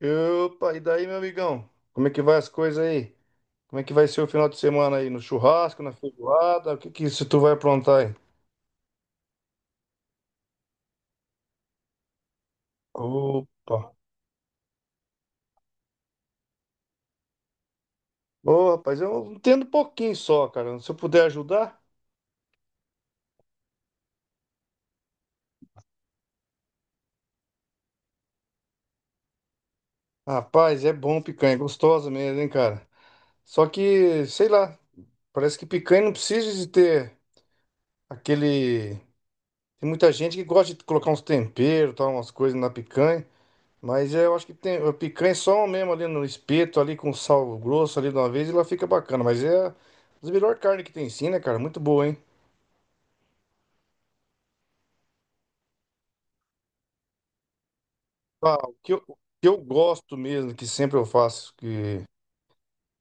Opa, e daí, meu amigão? Como é que vai as coisas aí? Como é que vai ser o final de semana aí? No churrasco, na feijoada? O que que isso tu vai aprontar aí? Opa. Ô, rapaz, eu entendo um pouquinho só, cara. Se eu puder ajudar, rapaz, é bom picanha, é gostosa mesmo, hein, cara? Só que, sei lá, parece que picanha não precisa de ter aquele. Tem muita gente que gosta de colocar uns temperos, tal, umas coisas na picanha. Mas é, eu acho que tem a picanha é só mesmo ali no espeto, ali com sal grosso ali de uma vez, e ela fica bacana. Mas é a das melhores carnes que tem sim, né, cara? Muito boa, hein? Ah, o que eu gosto mesmo, que sempre eu faço, que,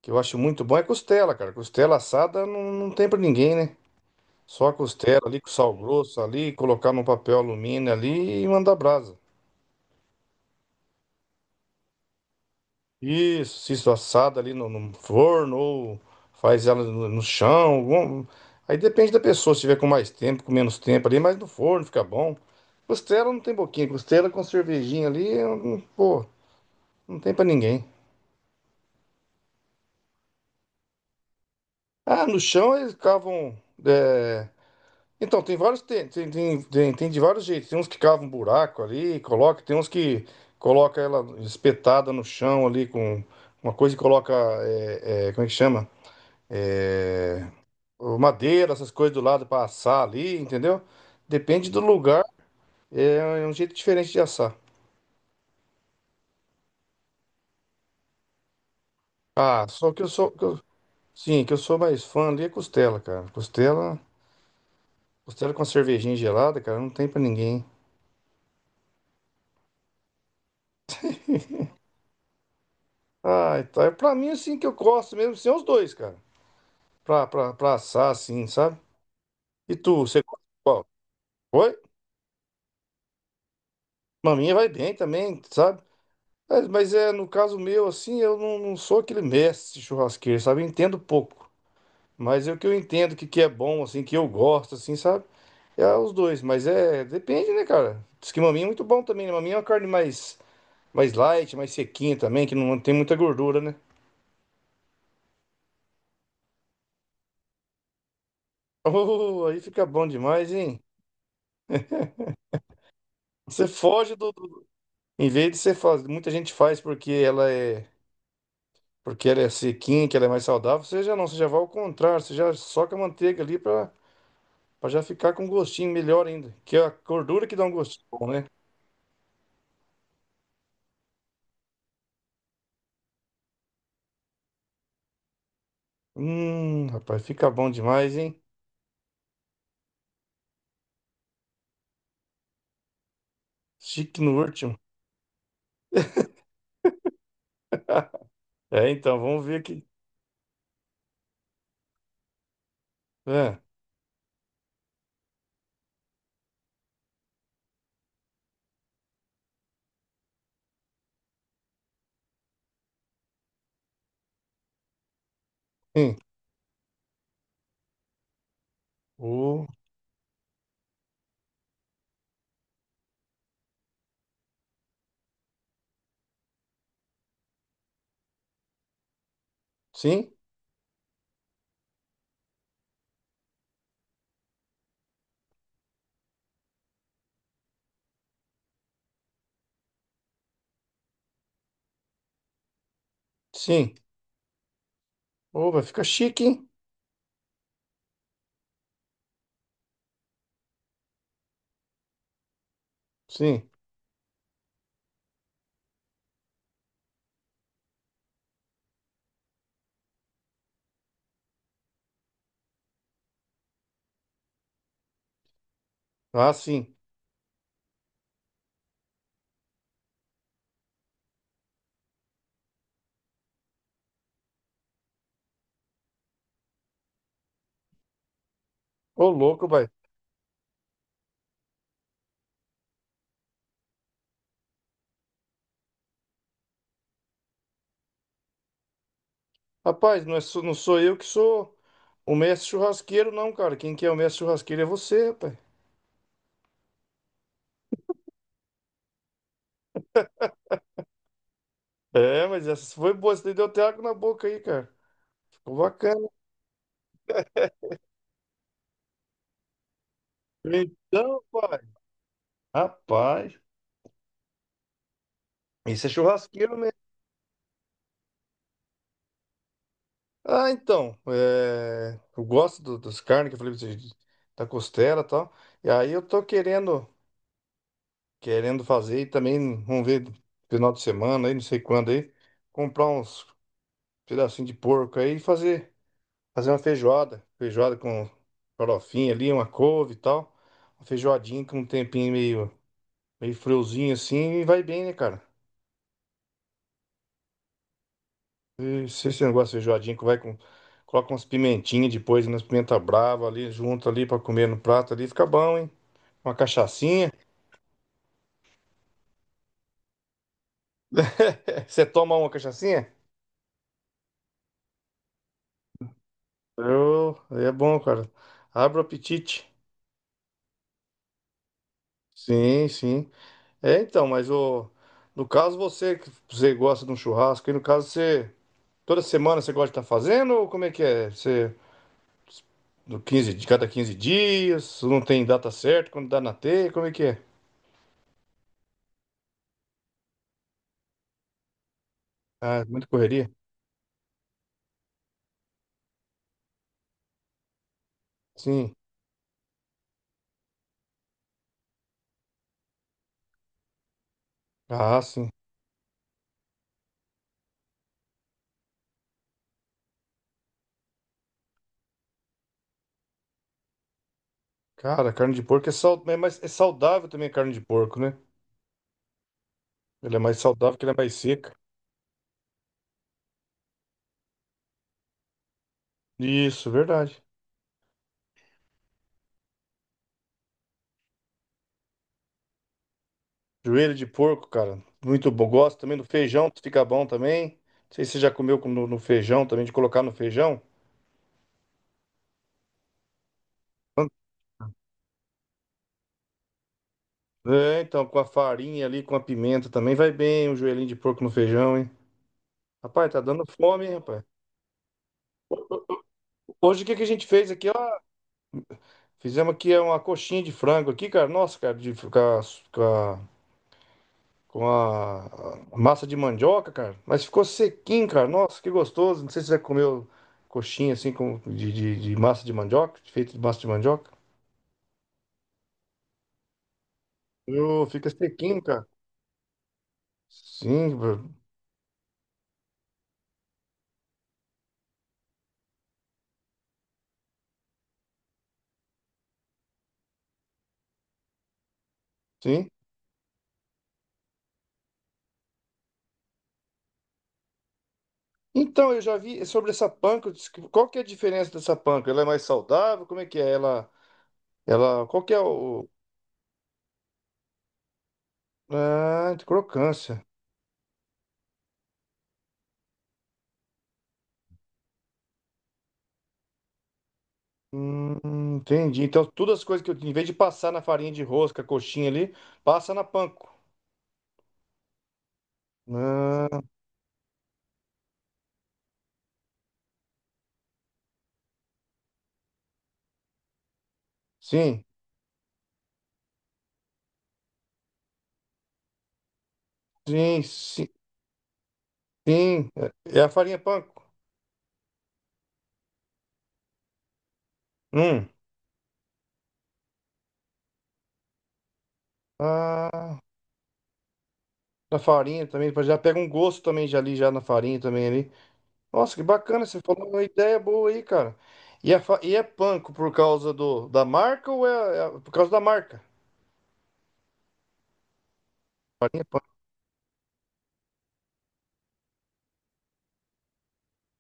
que eu acho muito bom, é costela, cara. Costela assada não tem pra ninguém, né? Só a costela ali com sal grosso ali, colocar num papel alumínio ali e mandar brasa. Isso, cisto assado ali no forno, ou faz ela no chão. Aí depende da pessoa, se tiver com mais tempo, com menos tempo ali, mas no forno fica bom. Costela não tem boquinha, costela com cervejinha ali, eu não- pô, não tem pra ninguém. Ah, no chão eles cavam. é, Então, tem vários. Tem de vários jeitos. Tem uns que cavam um buraco ali, coloca, tem uns que coloca ela espetada no chão ali com uma coisa e coloca. Como é que chama? É, o madeira, essas coisas do lado para assar ali, entendeu? Depende do lugar, é é um jeito diferente de assar. Ah, só que eu sou, que eu- sim, que eu sou mais fã ali é costela, cara. Costela, costela com uma cervejinha gelada, cara, não tem pra ninguém. Ah, então é pra mim assim que eu gosto mesmo, são os dois, cara. Pra assar assim, sabe? E tu, você gosta de qual? Oi? Maminha vai bem também, sabe? Mas é, no caso meu, assim, eu não sou aquele mestre churrasqueiro, sabe? Eu entendo pouco. Mas é o que eu entendo que é bom, assim, que eu gosto, assim, sabe? É os dois, mas é, depende, né, cara? Diz que maminha é muito bom também, né? Maminha é uma carne mais, mais light, mais sequinha também, que não tem muita gordura, né? Oh, aí fica bom demais, hein? Você foge em vez de você fazer, muita gente faz porque ela é sequinha, que ela é mais saudável, você já não, você já vai ao contrário, você já soca a manteiga ali pra, pra já ficar com um gostinho melhor ainda, que é a gordura que dá um gostinho bom, né? Rapaz, fica bom demais, hein? Chique no último. É, então, vamos ver aqui. É, sim. O, sim, sim. Ô, vai ficar chique, hein? Sim. Ah, sim. Ô, louco, vai. Rapaz, não, não sou eu que sou o mestre churrasqueiro, não, cara. Quem que é o mestre churrasqueiro é você, rapaz. É, mas essa foi boa. Você deu até água na boca aí, cara. Ficou bacana. Então, pai. Rapaz, isso é churrasqueiro mesmo. Ah, então. Eu gosto do, das carnes que eu falei pra você, da costela e tal. E aí eu tô querendo. Querendo fazer e também vamos ver final de semana aí, não sei quando aí, comprar uns pedacinhos de porco aí e fazer, fazer uma feijoada, feijoada com farofinha ali, uma couve e tal, uma feijoadinha com um tempinho meio, meio friozinho assim e vai bem, né, cara? E se você não gosta de feijoadinha, que vai com coloca umas pimentinhas depois, umas pimenta brava ali junto ali pra comer no prato ali, fica bom, hein? Uma cachaçinha. Você toma uma cachaçinha? Eu, é bom, cara. Abre o apetite. Sim, sim. É, então, mas o, no caso você, que você gosta de um churrasco, e no caso você, toda semana você gosta de estar fazendo, ou como é que é? Você, do 15 de cada 15 dias, não tem data certa, quando dá na teia, como é que é? Ah, é muita correria? Sim. Ah, sim. Cara, carne de porco é, sal, é, mais, é saudável também a carne de porco, né? Ela é mais saudável que ela é mais seca. Isso, verdade. Joelho de porco, cara, muito bom. Gosto também do feijão, fica bom também. Não sei se você já comeu no feijão também, de colocar no feijão. É, então, com a farinha ali, com a pimenta também vai bem, um joelhinho de porco no feijão, hein? Rapaz, tá dando fome, hein, rapaz? Hoje o que que a gente fez aqui, ó? Fizemos aqui é, uma coxinha de frango aqui, cara. Nossa, cara, de, com a, com a massa de mandioca, cara. Mas ficou sequinho, cara. Nossa, que gostoso. Não sei se você já comeu coxinha assim com, de massa de mandioca, feito de massa de mandioca. Ô, fica sequinho, cara. Sim, bro. Sim. Então, eu já vi sobre essa panca. Qual que é a diferença dessa panca? Ela é mais saudável? Como é que é? Qual que é o... Ah, de crocância. Entendi. Então, todas as coisas que eu... Em vez de passar na farinha de rosca, coxinha ali, passa na panko. Ah, sim, sim, sim, sim. É é a farinha panko. Hum. Ah, na farinha também. Já pega um gosto também já ali, já na farinha também ali. Nossa, que bacana, você falou uma ideia boa aí, cara. E e é panko por causa do, da marca é por causa da marca? Farinha panko.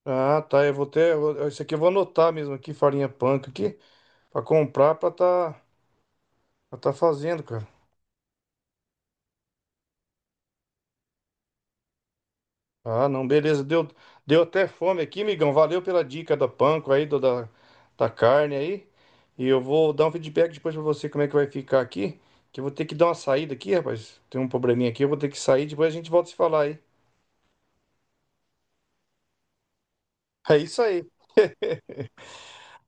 Ah, tá, eu vou ter, eu vou- isso aqui eu vou anotar mesmo aqui, farinha panko aqui, pra comprar, pra tá fazendo, cara. Ah, não, beleza, deu, deu até fome aqui, migão, valeu pela dica da panko aí, do, da, da carne aí. E eu vou dar um feedback depois pra você como é que vai ficar aqui, que eu vou ter que dar uma saída aqui, rapaz. Tem um probleminha aqui, eu vou ter que sair, depois a gente volta a se falar aí. É isso aí.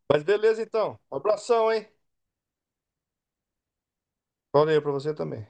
Mas beleza então. Abração, hein? Valeu pra você também.